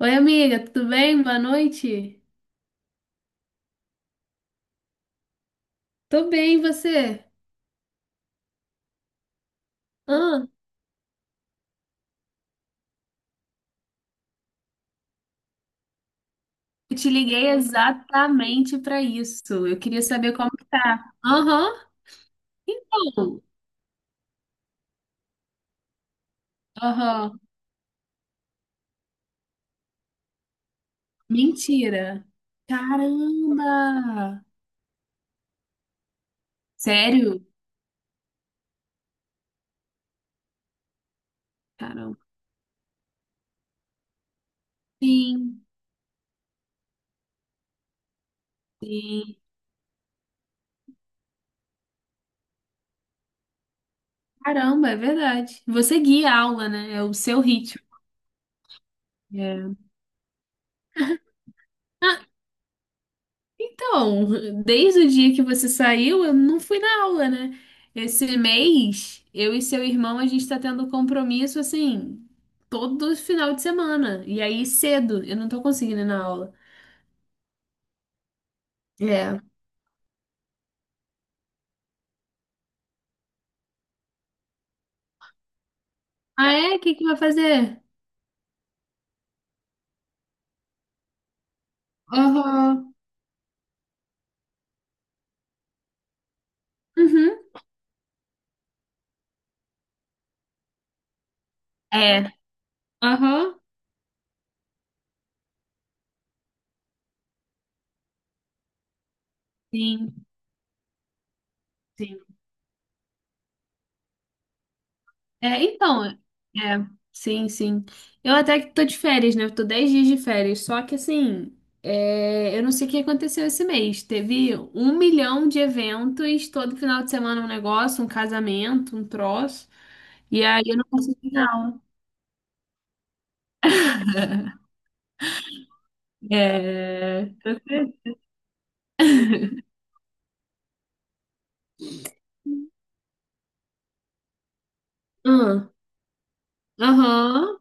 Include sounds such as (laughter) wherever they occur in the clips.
Oi, amiga, tudo bem? Boa noite. Tô bem, e você? Ah, eu te liguei exatamente pra isso. Eu queria saber como que tá. Aham, então. Aham, mentira. Caramba! Sério? Caramba. Sim, sim. Caramba, é verdade. Você guia a aula, né? É o seu ritmo. É. Então, desde o dia que você saiu, eu não fui na aula, né? Esse mês, eu e seu irmão, a gente tá tendo compromisso assim, todo final de semana. E aí, cedo, eu não tô conseguindo ir na aula. É. Ah, é? O que que vai fazer? Aham. Uhum. É. Aham. Sim. Sim. É, então, é, sim, sim. Eu até que tô de férias, né? Eu tô 10 dias de férias, só que assim, é, eu não sei o que aconteceu esse mês. Teve um milhão de eventos, todo final de semana um negócio, um casamento, um troço, e aí eu não consegui não. É... hum, Aham,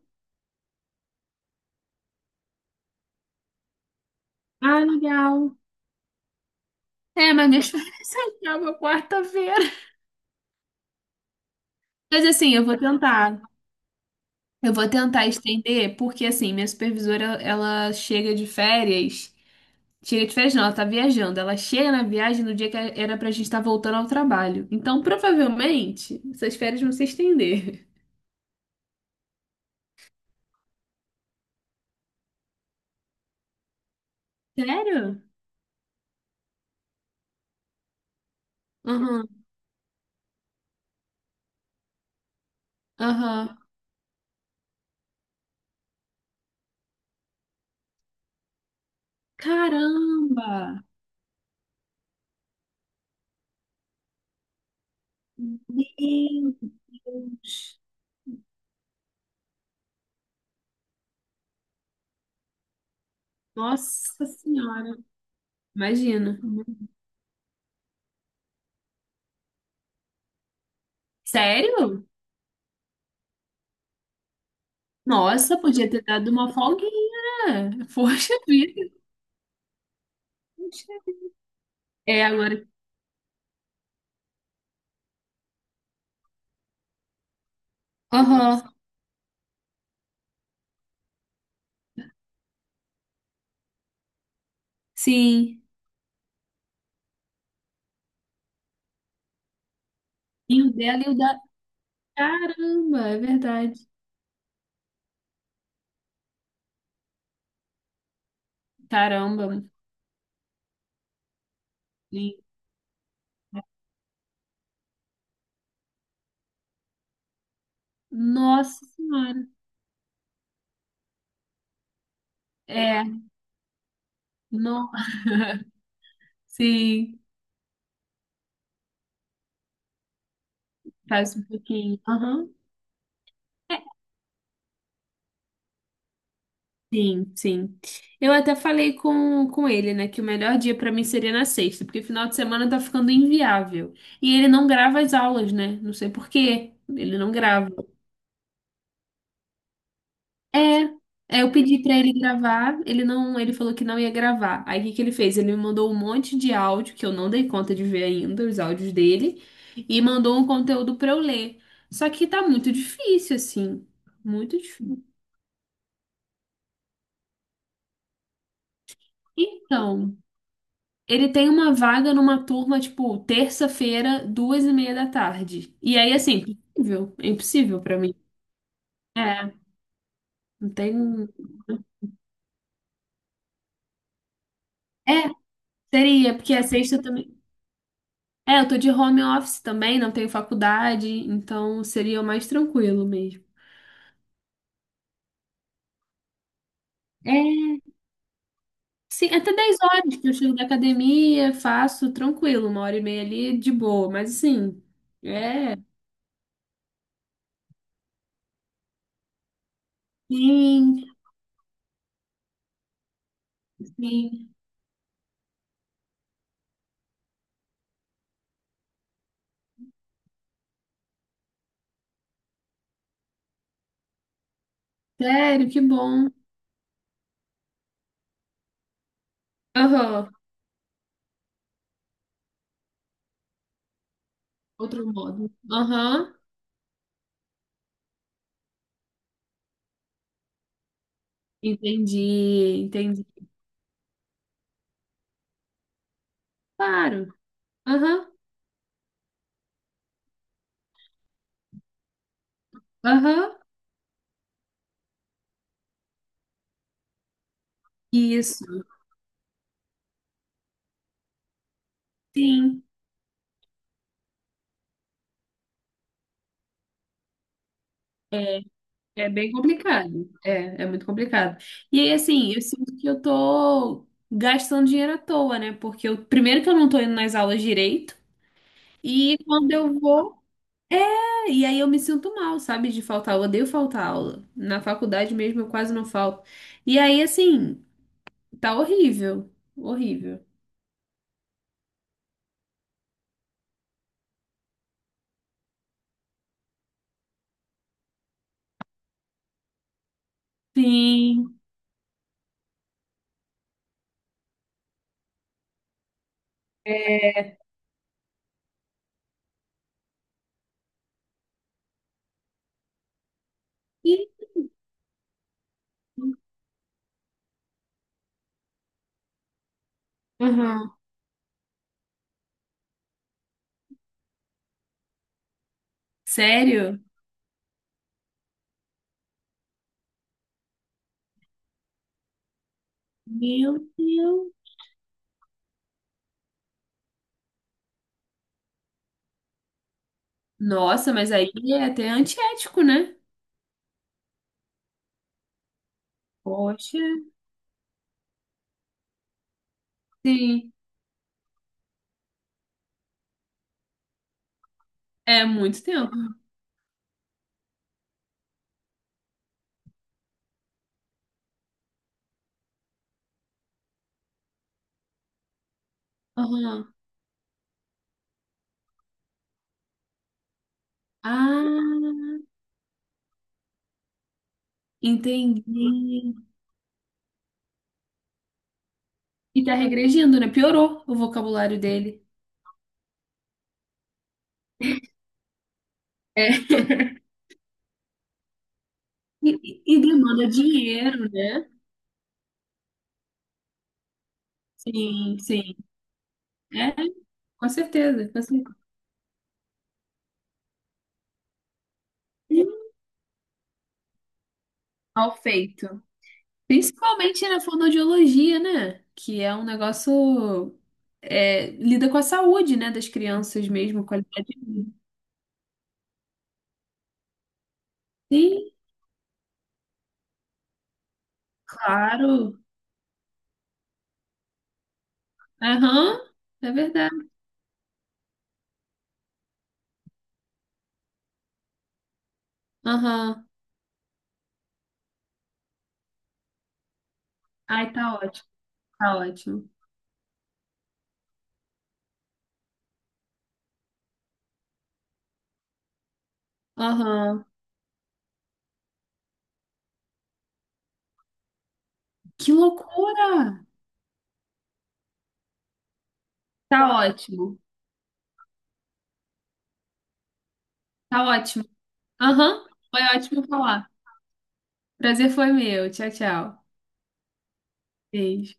Ah, legal. É, mas minhas férias (laughs) acabam quarta-feira. Mas assim, eu vou tentar. Eu vou tentar estender, porque assim, minha supervisora, ela chega de férias Tira de férias não, ela tá viajando. Ela chega na viagem no dia que era pra gente estar voltando ao trabalho. Então, provavelmente, essas férias vão se estender. (laughs) Sério? Aham, aham. Caramba! Meu Deus! Nossa Senhora! Imagina. Sério? Nossa, podia ter dado uma folguinha, né? Poxa vida. Poxa. É, agora. Aham, sim. E o dela e o da. Caramba, é verdade. Caramba. Nossa Senhora. É, não, sim, faz um pouquinho. Aham. É, sim, sim. Eu até falei com ele, né, que o melhor dia pra mim seria na sexta, porque final de semana tá ficando inviável. E ele não grava as aulas, né? Não sei por quê. Ele não grava. É, é, eu pedi pra ele gravar, ele não, ele falou que não ia gravar. Aí o que que ele fez? Ele me mandou um monte de áudio que eu não dei conta de ver ainda, os áudios dele, e mandou um conteúdo pra eu ler. Só que tá muito difícil assim, muito difícil. Então, ele tem uma vaga numa turma tipo terça-feira, duas e meia da tarde. E aí assim, impossível, é impossível pra mim. É, não tem. É, seria porque a sexta também. É, eu tô de home office também, não tenho faculdade, então seria mais tranquilo mesmo. É, Sim, até 10 horas que eu chego da academia, faço tranquilo, uma hora e meia ali de boa, mas assim, é, sim, sim, sério, que bom. Aham, outro modo. Aham, entendi, entendi. Claro, aham, aham, isso, sim. É, É bem complicado. É, é muito complicado. E aí, assim, eu sinto que eu tô gastando dinheiro à toa, né? Porque eu, primeiro que eu não tô indo nas aulas direito, e quando eu vou, é, e aí eu me sinto mal, sabe, de faltar aula. Eu odeio faltar aula. Na faculdade mesmo eu quase não falto. E aí, assim, tá horrível. Horrível. Sim. Ih, Aham. Sério? Meu Deus. Nossa, mas aí é até antiético, né? Poxa. Sim. É muito tempo. Aham. Ah, entendi. E tá regredindo, né? Piorou o vocabulário dele. É. E demanda dinheiro, né? Sim, sim. É, com certeza. Com certeza. Mal feito. Principalmente na fonoaudiologia, né? Que é um negócio. É, lida com a saúde, né? Das crianças mesmo, qualidade de vida. Sim, claro. Aham, é verdade. Aham. Ai, tá ótimo, tá ótimo. Aham. Que loucura! Tá ótimo, tá ótimo. Aham, foi ótimo falar. Prazer foi meu. Tchau, tchau. Beijo.